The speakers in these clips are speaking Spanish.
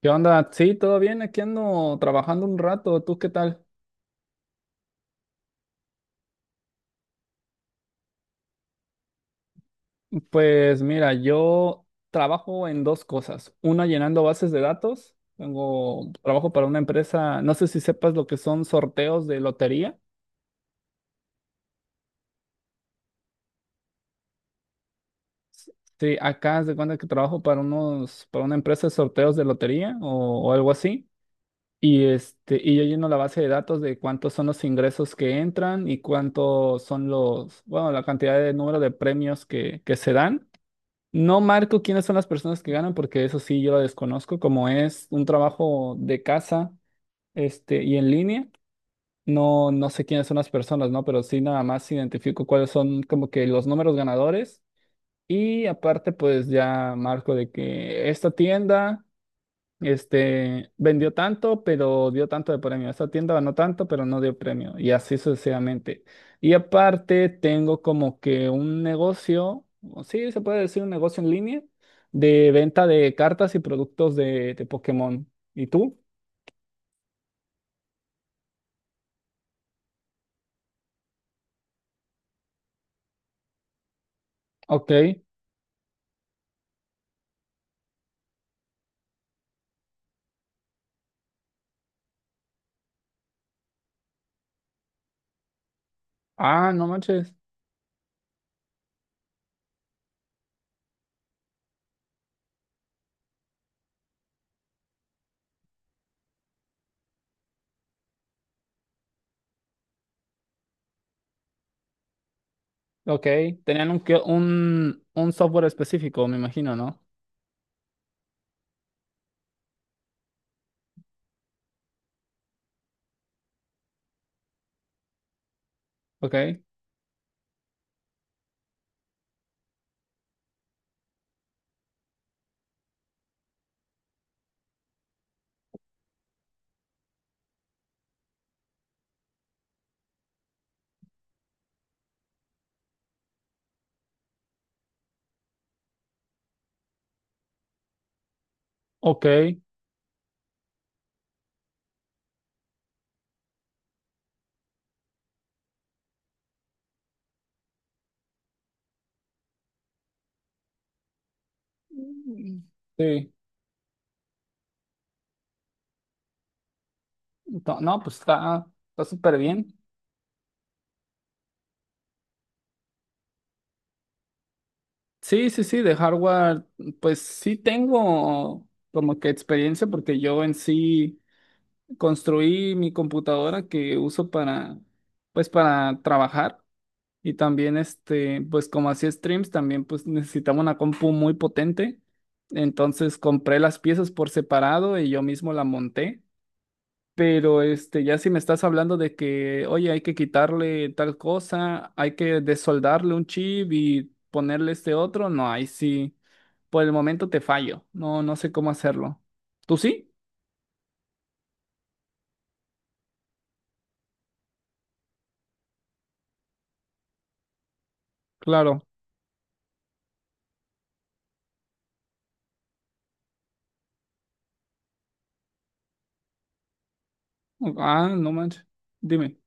¿Qué onda? Sí, todo bien, aquí ando trabajando un rato. ¿Tú qué tal? Pues mira, yo trabajo en dos cosas. Una llenando bases de datos. Tengo trabajo para una empresa, no sé si sepas lo que son sorteos de lotería. Sí, acá haz de cuenta que trabajo para unos, para una empresa de sorteos de lotería o algo así. Y yo lleno la base de datos de cuántos son los ingresos que entran y cuántos son los, bueno, la cantidad de número de premios que se dan. No marco quiénes son las personas que ganan, porque eso sí yo lo desconozco. Como es un trabajo de casa, y en línea, no sé quiénes son las personas, ¿no? Pero sí nada más identifico cuáles son como que los números ganadores. Y aparte, pues ya marco de que esta tienda. Vendió tanto, pero dio tanto de premio. Esta tienda ganó tanto, pero no dio premio. Y así sucesivamente. Y aparte, tengo como que un negocio, o sí, se puede decir un negocio en línea, de venta de cartas y productos de Pokémon. ¿Y tú? Ok. Ah, no manches. Ok. Tenían un, kio- un software específico, me imagino, ¿no? Ok. Ok. Mm. Sí. No, no, pues está, está súper bien. Sí, sí, sí, de hardware, pues sí tengo como que experiencia porque yo en sí construí mi computadora que uso para, pues para trabajar y también pues como hacía streams, también pues necesitaba una compu muy potente. Entonces compré las piezas por separado y yo mismo la monté. Pero ya si me estás hablando de que, oye, hay que quitarle tal cosa, hay que desoldarle un chip y ponerle este otro, no, ahí sí. Por el momento te fallo. No, no sé cómo hacerlo. ¿Tú sí? Claro. Ah, no manches. Dime.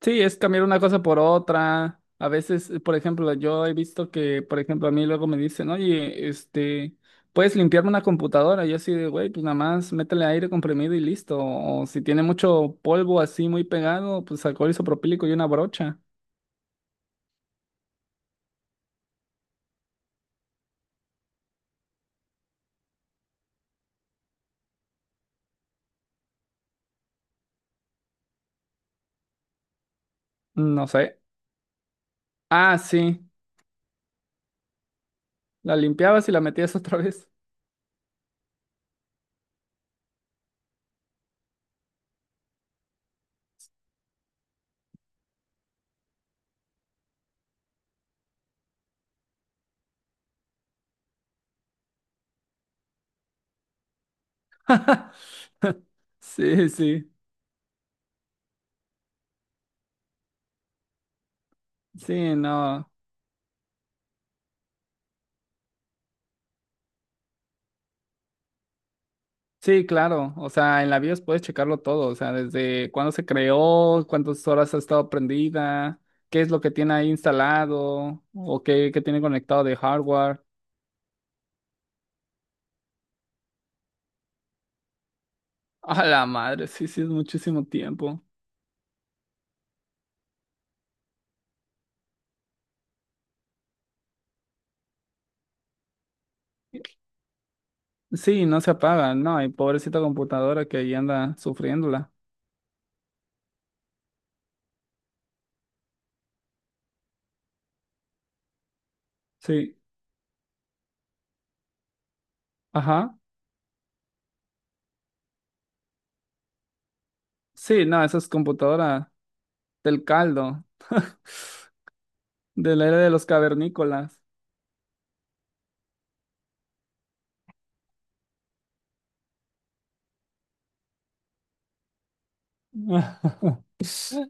Sí, es cambiar una cosa por otra. A veces, por ejemplo, yo he visto que, por ejemplo, a mí luego me dicen, oye, puedes limpiarme una computadora. Yo así de, güey, pues nada más métele aire comprimido y listo. O si tiene mucho polvo así muy pegado, pues alcohol isopropílico y una brocha. No sé. Ah, sí. La limpiabas y la metías otra vez. Sí, sí. Sí, no. Sí, claro. O sea, en la BIOS puedes checarlo todo. O sea, desde cuándo se creó, cuántas horas ha estado prendida, qué es lo que tiene ahí instalado o qué, qué tiene conectado de hardware. A la madre, sí, sí, es muchísimo tiempo. Sí, no se apaga, no, y pobrecita computadora que ahí anda sufriéndola. Sí, ajá. Sí, no, esa es computadora del caldo, de la era de los cavernícolas.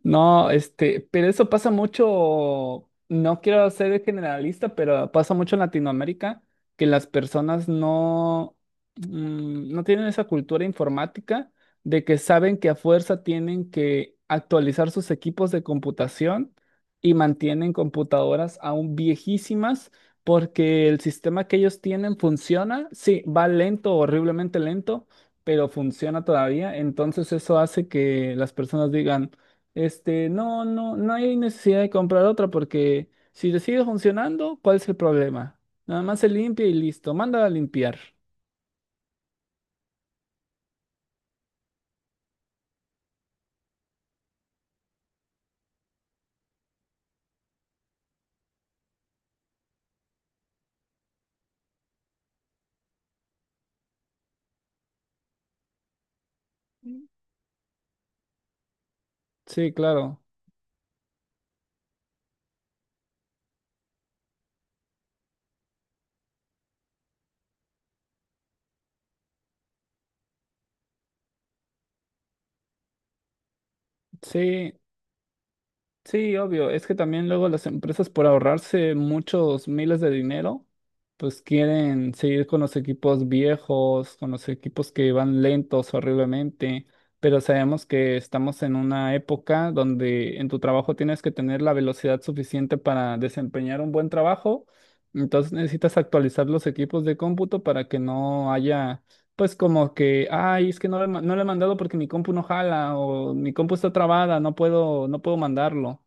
No, pero eso pasa mucho, no quiero ser generalista, pero pasa mucho en Latinoamérica que las personas no, no tienen esa cultura informática de que saben que a fuerza tienen que actualizar sus equipos de computación y mantienen computadoras aún viejísimas porque el sistema que ellos tienen funciona, sí, va lento, horriblemente lento pero funciona todavía. Entonces eso hace que las personas digan, no, no, no hay necesidad de comprar otra porque si le sigue funcionando, ¿cuál es el problema? Nada más se limpia y listo, manda a limpiar. Sí, claro. Sí, sí, obvio. Es que también luego las empresas por ahorrarse muchos miles de dinero, pues quieren seguir con los equipos viejos, con los equipos que van lentos horriblemente. Pero sabemos que estamos en una época donde en tu trabajo tienes que tener la velocidad suficiente para desempeñar un buen trabajo. Entonces necesitas actualizar los equipos de cómputo para que no haya, pues como que, ay, es que no le, ma- no le he mandado porque mi compu no jala o mi compu está trabada, no puedo, no puedo mandarlo.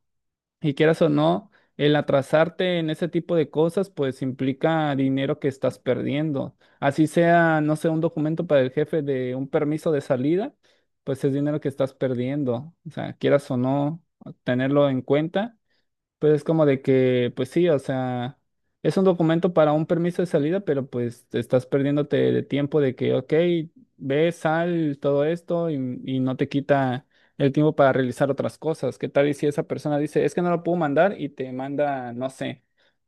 Y quieras o no, el atrasarte en ese tipo de cosas, pues implica dinero que estás perdiendo. Así sea, no sé, un documento para el jefe de un permiso de salida, pues es dinero que estás perdiendo. O sea, quieras o no, tenerlo en cuenta. Pero es como de que, pues sí, o sea, es un documento para un permiso de salida, pero pues te estás perdiéndote de tiempo de que, ok, ve, sal, todo esto y no te quita el tiempo para realizar otras cosas. ¿Qué tal y si esa persona dice, es que no lo puedo mandar y te manda, no sé,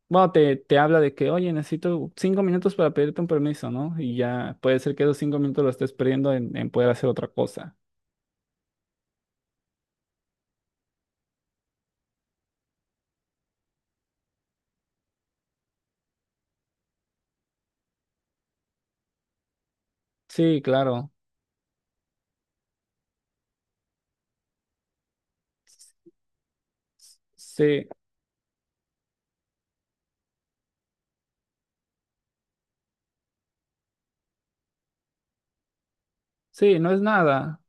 bueno, te habla de que, oye, necesito 5 minutos para pedirte un permiso, ¿no? Y ya puede ser que esos 5 minutos lo estés perdiendo en poder hacer otra cosa. Sí, claro. Sí, sí, no es nada.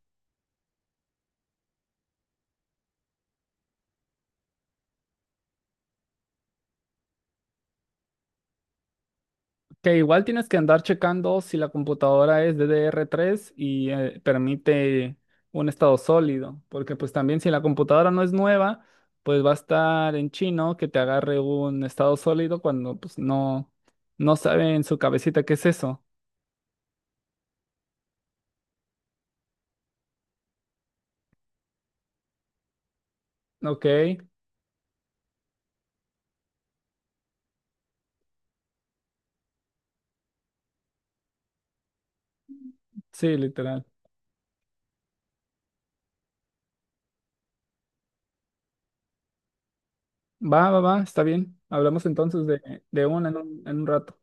Que igual tienes que andar checando si la computadora es DDR3 y permite un estado sólido, porque pues también si la computadora no es nueva, pues va a estar en chino que te agarre un estado sólido cuando pues no, no sabe en su cabecita qué es eso. Ok, sí, literal. Va, va, va, está bien. Hablamos entonces de una en un rato.